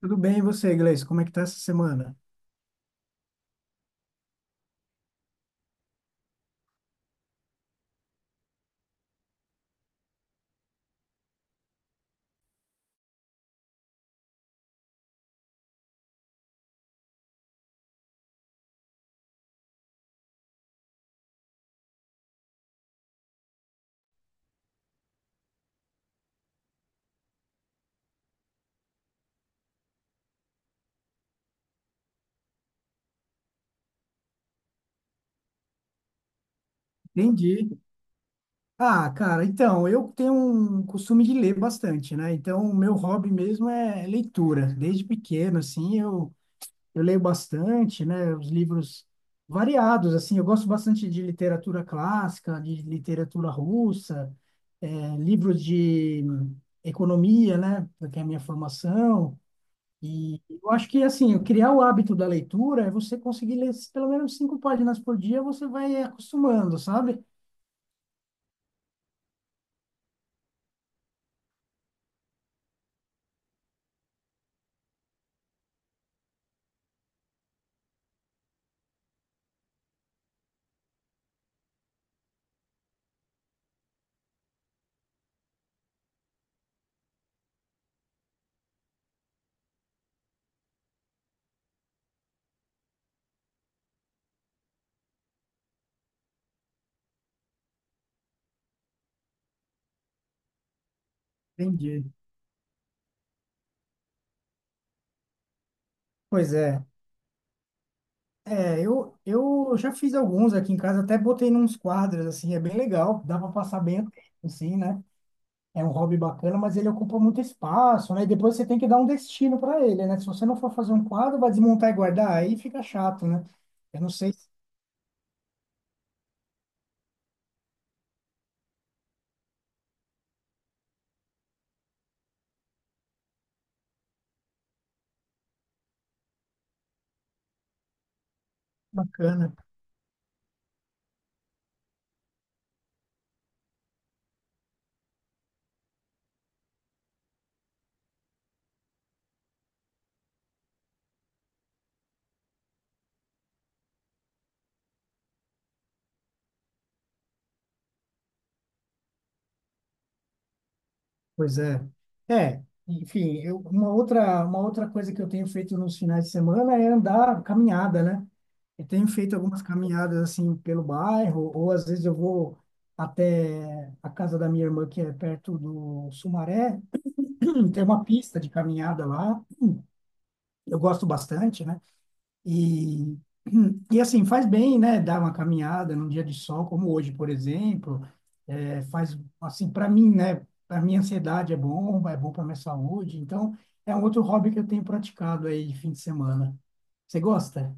Tudo bem, e você, Gleice? Como é que tá essa semana? Entendi. Ah, cara, então, eu tenho um costume de ler bastante, né? Então, o meu hobby mesmo é leitura. Desde pequeno, assim, eu leio bastante, né? Os livros variados, assim. Eu gosto bastante de literatura clássica, de literatura russa, livros de economia, né? Que é a minha formação. E eu acho que, assim, eu criar o hábito da leitura é você conseguir ler pelo menos cinco páginas por dia, você vai acostumando, sabe? Entendi. Pois é. É, eu já fiz alguns aqui em casa, até botei nos quadros, assim, é bem legal, dá para passar bem o tempo, assim, né? É um hobby bacana, mas ele ocupa muito espaço, né? E depois você tem que dar um destino para ele, né? Se você não for fazer um quadro, vai desmontar e guardar, aí fica chato, né? Eu não sei se é bacana. Pois é. É, enfim, eu, uma outra coisa que eu tenho feito nos finais de semana é andar, caminhada, né? Eu tenho feito algumas caminhadas assim pelo bairro, ou às vezes eu vou até a casa da minha irmã, que é perto do Sumaré, tem uma pista de caminhada lá, eu gosto bastante, né? E, e assim, faz bem, né? Dar uma caminhada num dia de sol, como hoje, por exemplo. É, faz, assim, para mim, né? Para minha ansiedade é bom para minha saúde. Então, é um outro hobby que eu tenho praticado aí de fim de semana. Você gosta?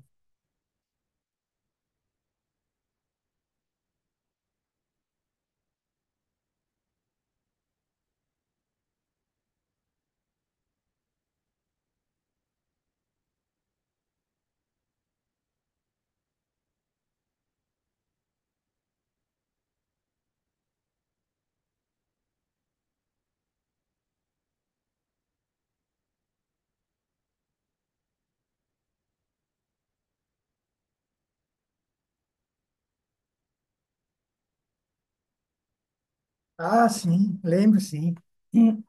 Ah, sim, lembro, sim. Hum.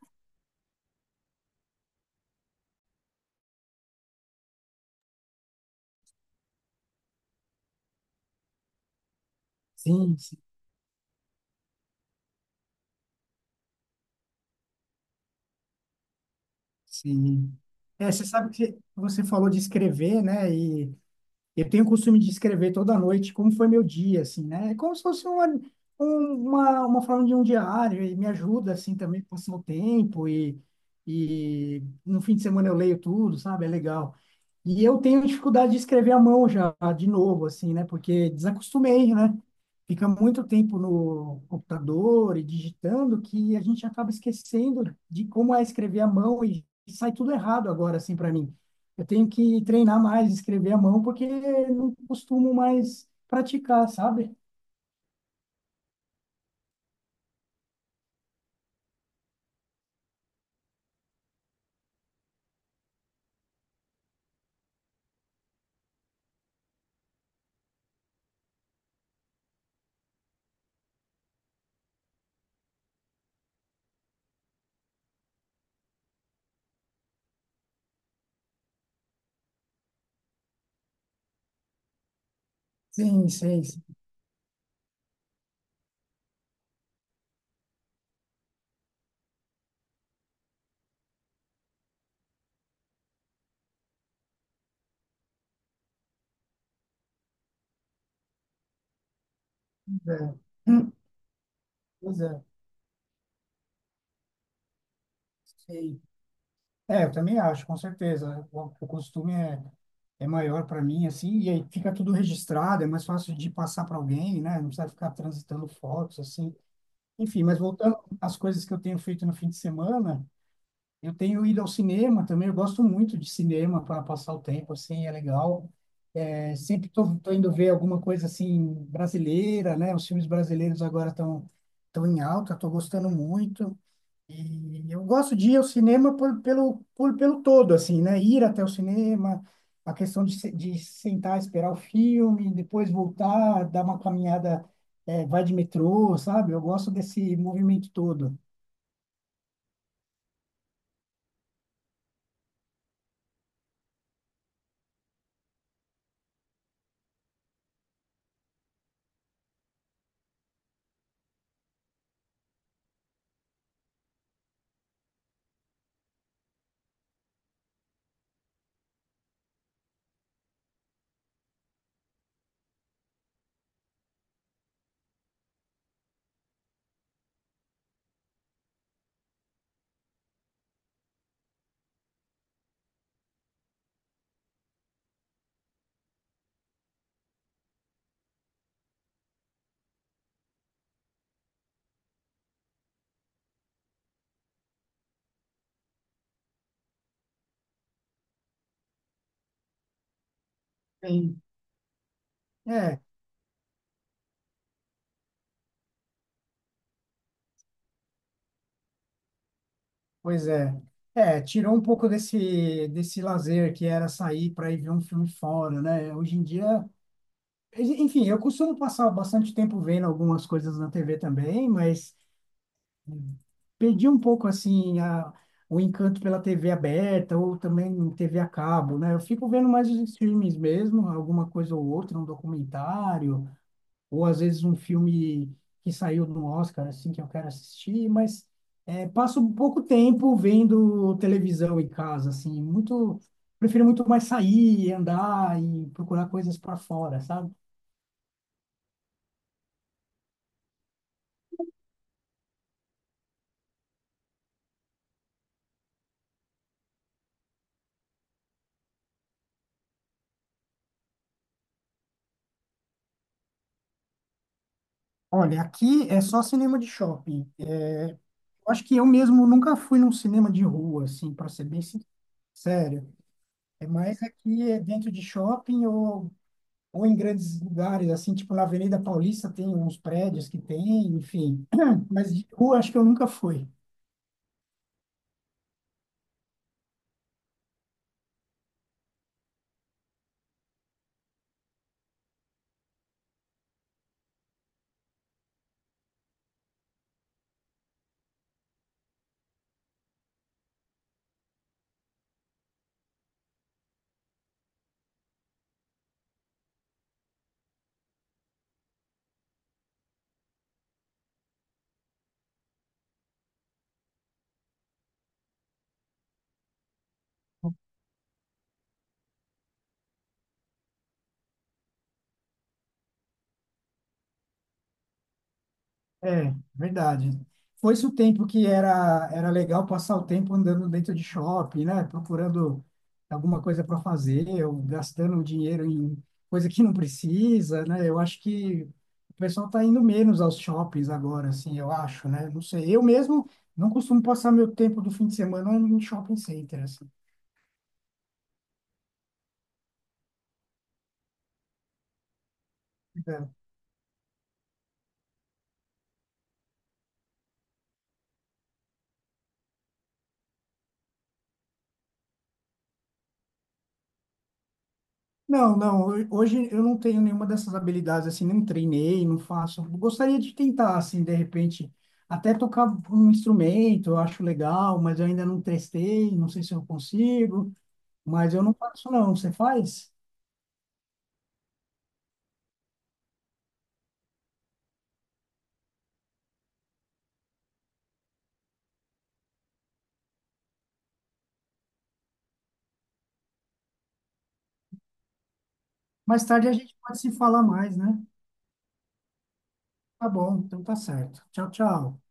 Sim, sim, sim. É, você sabe que você falou de escrever, né? Eu tenho o costume de escrever toda noite como foi meu dia, assim, né? É como se fosse uma, uma forma de um diário e me ajuda, assim, também a passar o tempo e no fim de semana eu leio tudo, sabe? É legal. E eu tenho dificuldade de escrever à mão já, de novo, assim, né? Porque desacostumei, né? Fica muito tempo no computador e digitando que a gente acaba esquecendo de como é escrever à mão e sai tudo errado agora, assim, para mim. Eu tenho que treinar mais, escrever à mão, porque não costumo mais praticar, sabe? Sim, sei, sim. Pois é. Hum. Pois é, sei. É, eu também acho, com certeza. O costume é, é maior para mim, assim, e aí fica tudo registrado, é mais fácil de passar para alguém, né? Não precisa ficar transitando fotos, assim. Enfim, mas voltando às coisas que eu tenho feito no fim de semana, eu tenho ido ao cinema também, eu gosto muito de cinema para passar o tempo, assim, é legal. É, sempre tô, tô indo ver alguma coisa assim brasileira, né? Os filmes brasileiros agora estão tão tão em alta, tô gostando muito. E eu gosto de ir ao cinema por, pelo todo, assim, né? Ir até o cinema, a questão de, de sentar, esperar o filme, depois voltar, dar uma caminhada, é, vai de metrô, sabe? Eu gosto desse movimento todo. Sim. É, pois é. É, tirou um pouco desse, desse lazer que era sair para ir ver um filme fora, né? Hoje em dia, enfim, eu costumo passar bastante tempo vendo algumas coisas na TV também, mas perdi um pouco assim a, o encanto pela TV aberta ou também TV a cabo, né? Eu fico vendo mais os streamings mesmo, alguma coisa ou outra, um documentário, ou às vezes um filme que saiu no Oscar, assim, que eu quero assistir, mas é, passo pouco tempo vendo televisão em casa, assim, muito, prefiro muito mais sair, andar e procurar coisas para fora, sabe? Olha, aqui é só cinema de shopping. Eu acho que eu mesmo nunca fui num cinema de rua, assim, para ser bem sincero. É mais aqui é dentro de shopping ou em grandes lugares, assim, tipo na Avenida Paulista tem uns prédios que tem, enfim. Mas de rua acho que eu nunca fui. É, verdade. Foi-se o tempo que era, era legal passar o tempo andando dentro de shopping, né? Procurando alguma coisa para fazer, ou gastando o dinheiro em coisa que não precisa, né? Eu acho que o pessoal está indo menos aos shoppings agora, assim, eu acho, né? Não sei. Eu mesmo não costumo passar meu tempo do fim de semana em shopping center, assim. Né? Hoje eu não tenho nenhuma dessas habilidades, assim, não treinei, não faço. Gostaria de tentar, assim, de repente, até tocar um instrumento, eu acho legal, mas eu ainda não testei, não sei se eu consigo, mas eu não faço, não. Você faz? Mais tarde a gente pode se falar mais, né? Tá bom, então tá certo. Tchau, tchau.